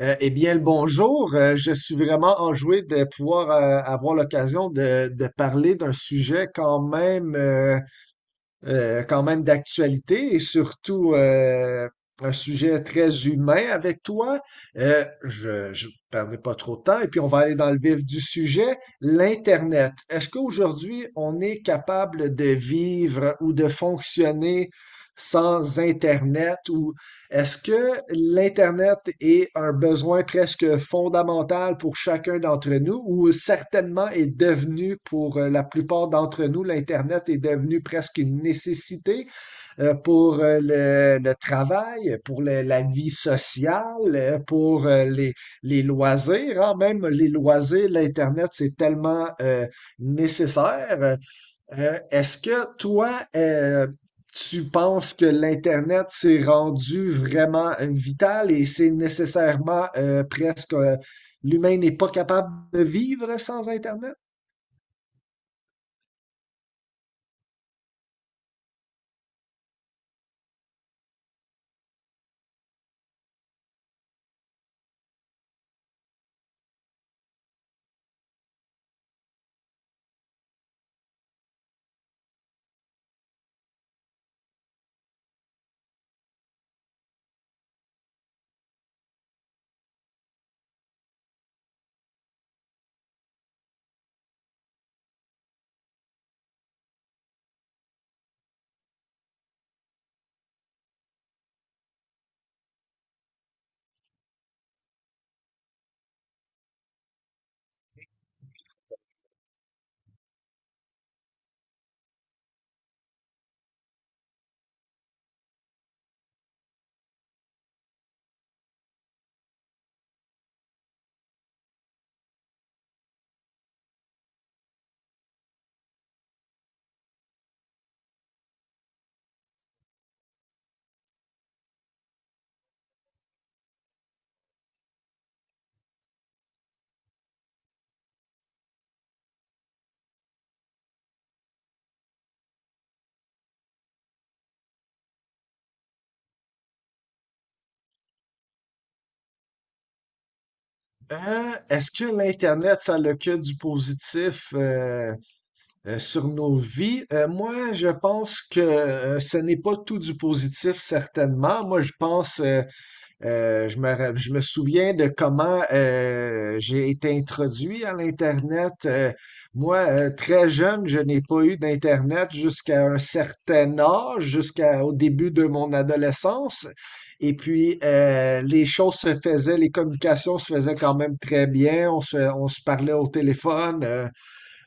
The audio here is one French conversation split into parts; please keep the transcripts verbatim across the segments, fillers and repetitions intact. Euh, eh bien, le bonjour. Euh, je suis vraiment enjoué de pouvoir euh, avoir l'occasion de, de parler d'un sujet quand même, euh, euh, quand même d'actualité et surtout euh, un sujet très humain avec toi. Euh, je ne perdrai pas trop de temps et puis on va aller dans le vif du sujet, l'Internet. Est-ce qu'aujourd'hui on est capable de vivre ou de fonctionner sans Internet ou est-ce que l'Internet est un besoin presque fondamental pour chacun d'entre nous ou certainement est devenu pour euh, la plupart d'entre nous, l'Internet est devenu presque une nécessité euh, pour euh, le, le travail, pour le- la vie sociale, euh, pour euh, les, les loisirs, hein, même les loisirs, l'Internet, c'est tellement euh, nécessaire. Euh, euh, est-ce que toi, euh, tu penses que l'Internet s'est rendu vraiment euh, vital et c'est nécessairement euh, presque euh, l'humain n'est pas capable de vivre sans Internet? Euh, est-ce que l'Internet, ça a le que du positif? Euh, Euh, sur nos vies, euh, moi, je pense que euh, ce n'est pas tout du positif, certainement. Moi, je pense, euh, euh, je me, ra- je me souviens de comment euh, j'ai été introduit à l'Internet. Euh, moi, euh, très jeune, je n'ai pas eu d'Internet jusqu'à un certain âge, jusqu'au début de mon adolescence. Et puis, euh, les choses se faisaient, les communications se faisaient quand même très bien. On se, on se parlait au téléphone. euh,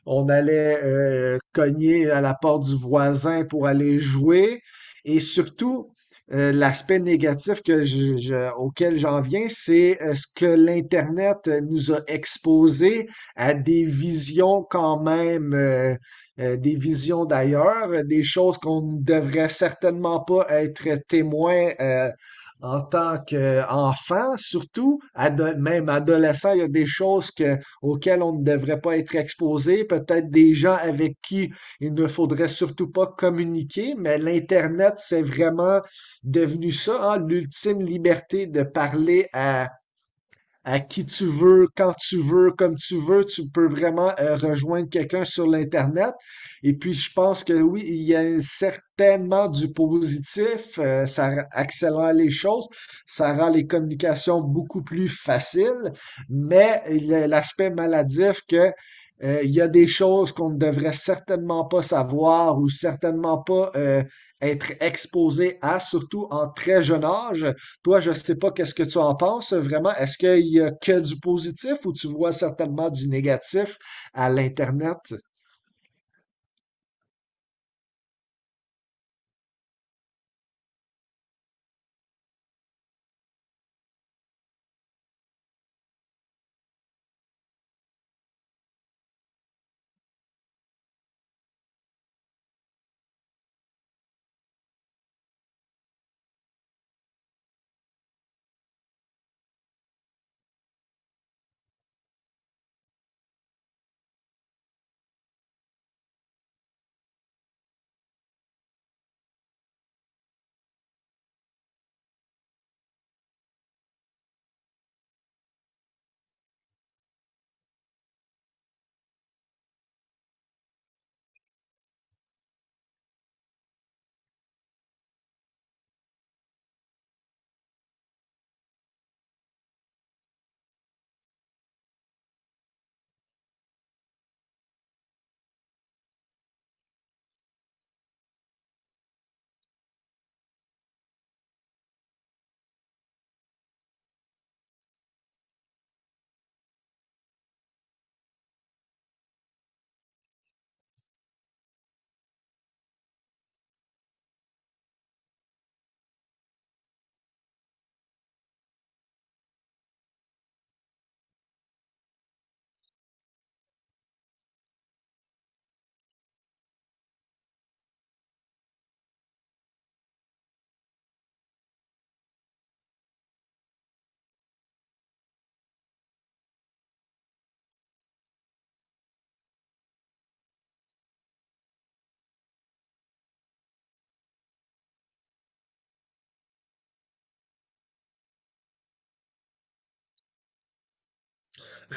On allait euh, cogner à la porte du voisin pour aller jouer. Et surtout, euh, l'aspect négatif que je- je- auquel j'en viens, c'est euh, ce que l'Internet euh, nous a exposé à des visions quand même, euh, euh, des visions d'ailleurs, euh, des choses qu'on ne devrait certainement pas être témoin euh, en tant qu'enfant, surtout, ado- même adolescent, il y a des choses que auxquels on ne devrait pas être exposé, peut-être des gens avec qui il ne faudrait surtout pas communiquer, mais l'Internet, c'est vraiment devenu ça, hein, l'ultime liberté de parler à à qui tu veux, quand tu veux, comme tu veux. Tu peux vraiment euh, rejoindre quelqu'un sur l'Internet. Et puis, je pense que oui, il y a certainement du positif. Euh, ça accélère les choses. Ça rend les communications beaucoup plus faciles. Mais il y a l'aspect maladif que euh, il y a des choses qu'on ne devrait certainement pas savoir ou certainement pas euh, être exposé à, surtout en très jeune âge. Toi, je sais pas qu'est-ce que tu en penses euh, vraiment. Est-ce qu'il y a que du positif ou tu vois certainement du négatif à l'Internet?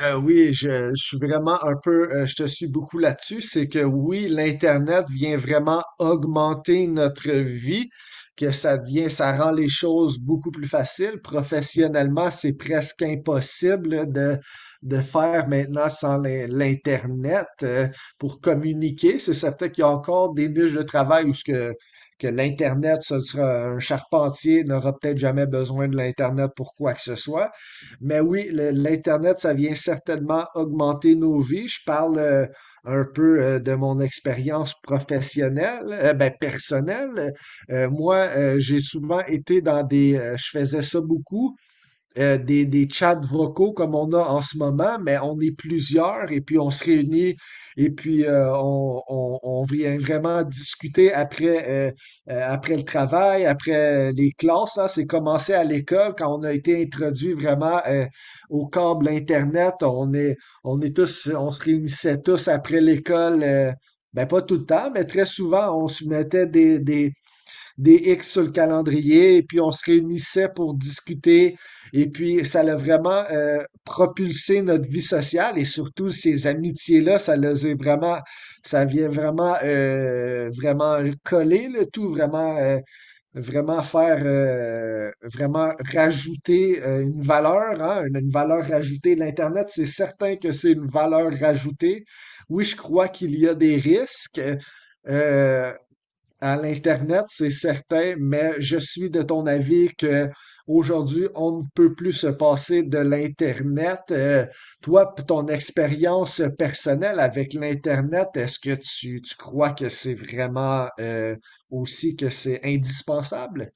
Euh, oui, je, je suis vraiment un peu, euh, je te suis beaucoup là-dessus. C'est que oui, l'Internet vient vraiment augmenter notre vie, que ça devient, ça rend les choses beaucoup plus faciles. Professionnellement, c'est presque impossible de, de faire maintenant sans l'in- l'Internet, euh, pour communiquer. C'est certain qu'il y a encore des niches de travail où ce que, que l'Internet, ce sera un charpentier n'aura peut-être jamais besoin de l'Internet pour quoi que ce soit. Mais oui, le- l'Internet, ça vient certainement augmenter nos vies. Je parle euh, un peu euh, de mon expérience professionnelle, euh, ben, personnelle. Euh, moi, euh, j'ai souvent été dans des, euh, je faisais ça beaucoup, euh, des, des chats vocaux comme on a en ce moment, mais on est plusieurs et puis on se réunit et puis euh, on, on, on vient vraiment discuter après, euh, euh, après le travail, après les classes. Là. C'est commencé à l'école quand on a été introduit vraiment euh, au câble Internet. On est, on est tous, on se réunissait tous après l'école. Euh, ben pas tout le temps, mais très souvent, on se mettait des, des, des X sur le calendrier, et puis on se réunissait pour discuter, et puis ça l'a vraiment euh, propulsé notre vie sociale, et surtout ces amitiés-là, ça les a vraiment, ça vient vraiment, euh, vraiment coller le tout, vraiment, euh, vraiment faire, euh, vraiment rajouter euh, une valeur, hein, une, une valeur rajoutée. L'Internet, c'est certain que c'est une valeur rajoutée. Oui, je crois qu'il y a des risques. Euh, à l'Internet, c'est certain, mais je suis de ton avis que aujourd'hui, on ne peut plus se passer de l'Internet. Euh, toi, p- ton expérience personnelle avec l'Internet, est-ce que tu, tu crois que c'est vraiment euh, aussi que c'est indispensable?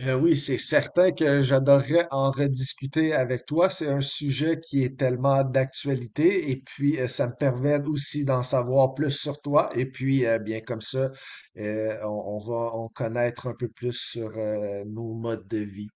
Euh, oui, c'est certain que j'adorerais en rediscuter avec toi. C'est un sujet qui est tellement d'actualité et puis euh, ça me permet aussi d'en savoir plus sur toi. Et puis, euh, bien comme ça, euh, on, on va en connaître un peu plus sur euh, nos modes de vie.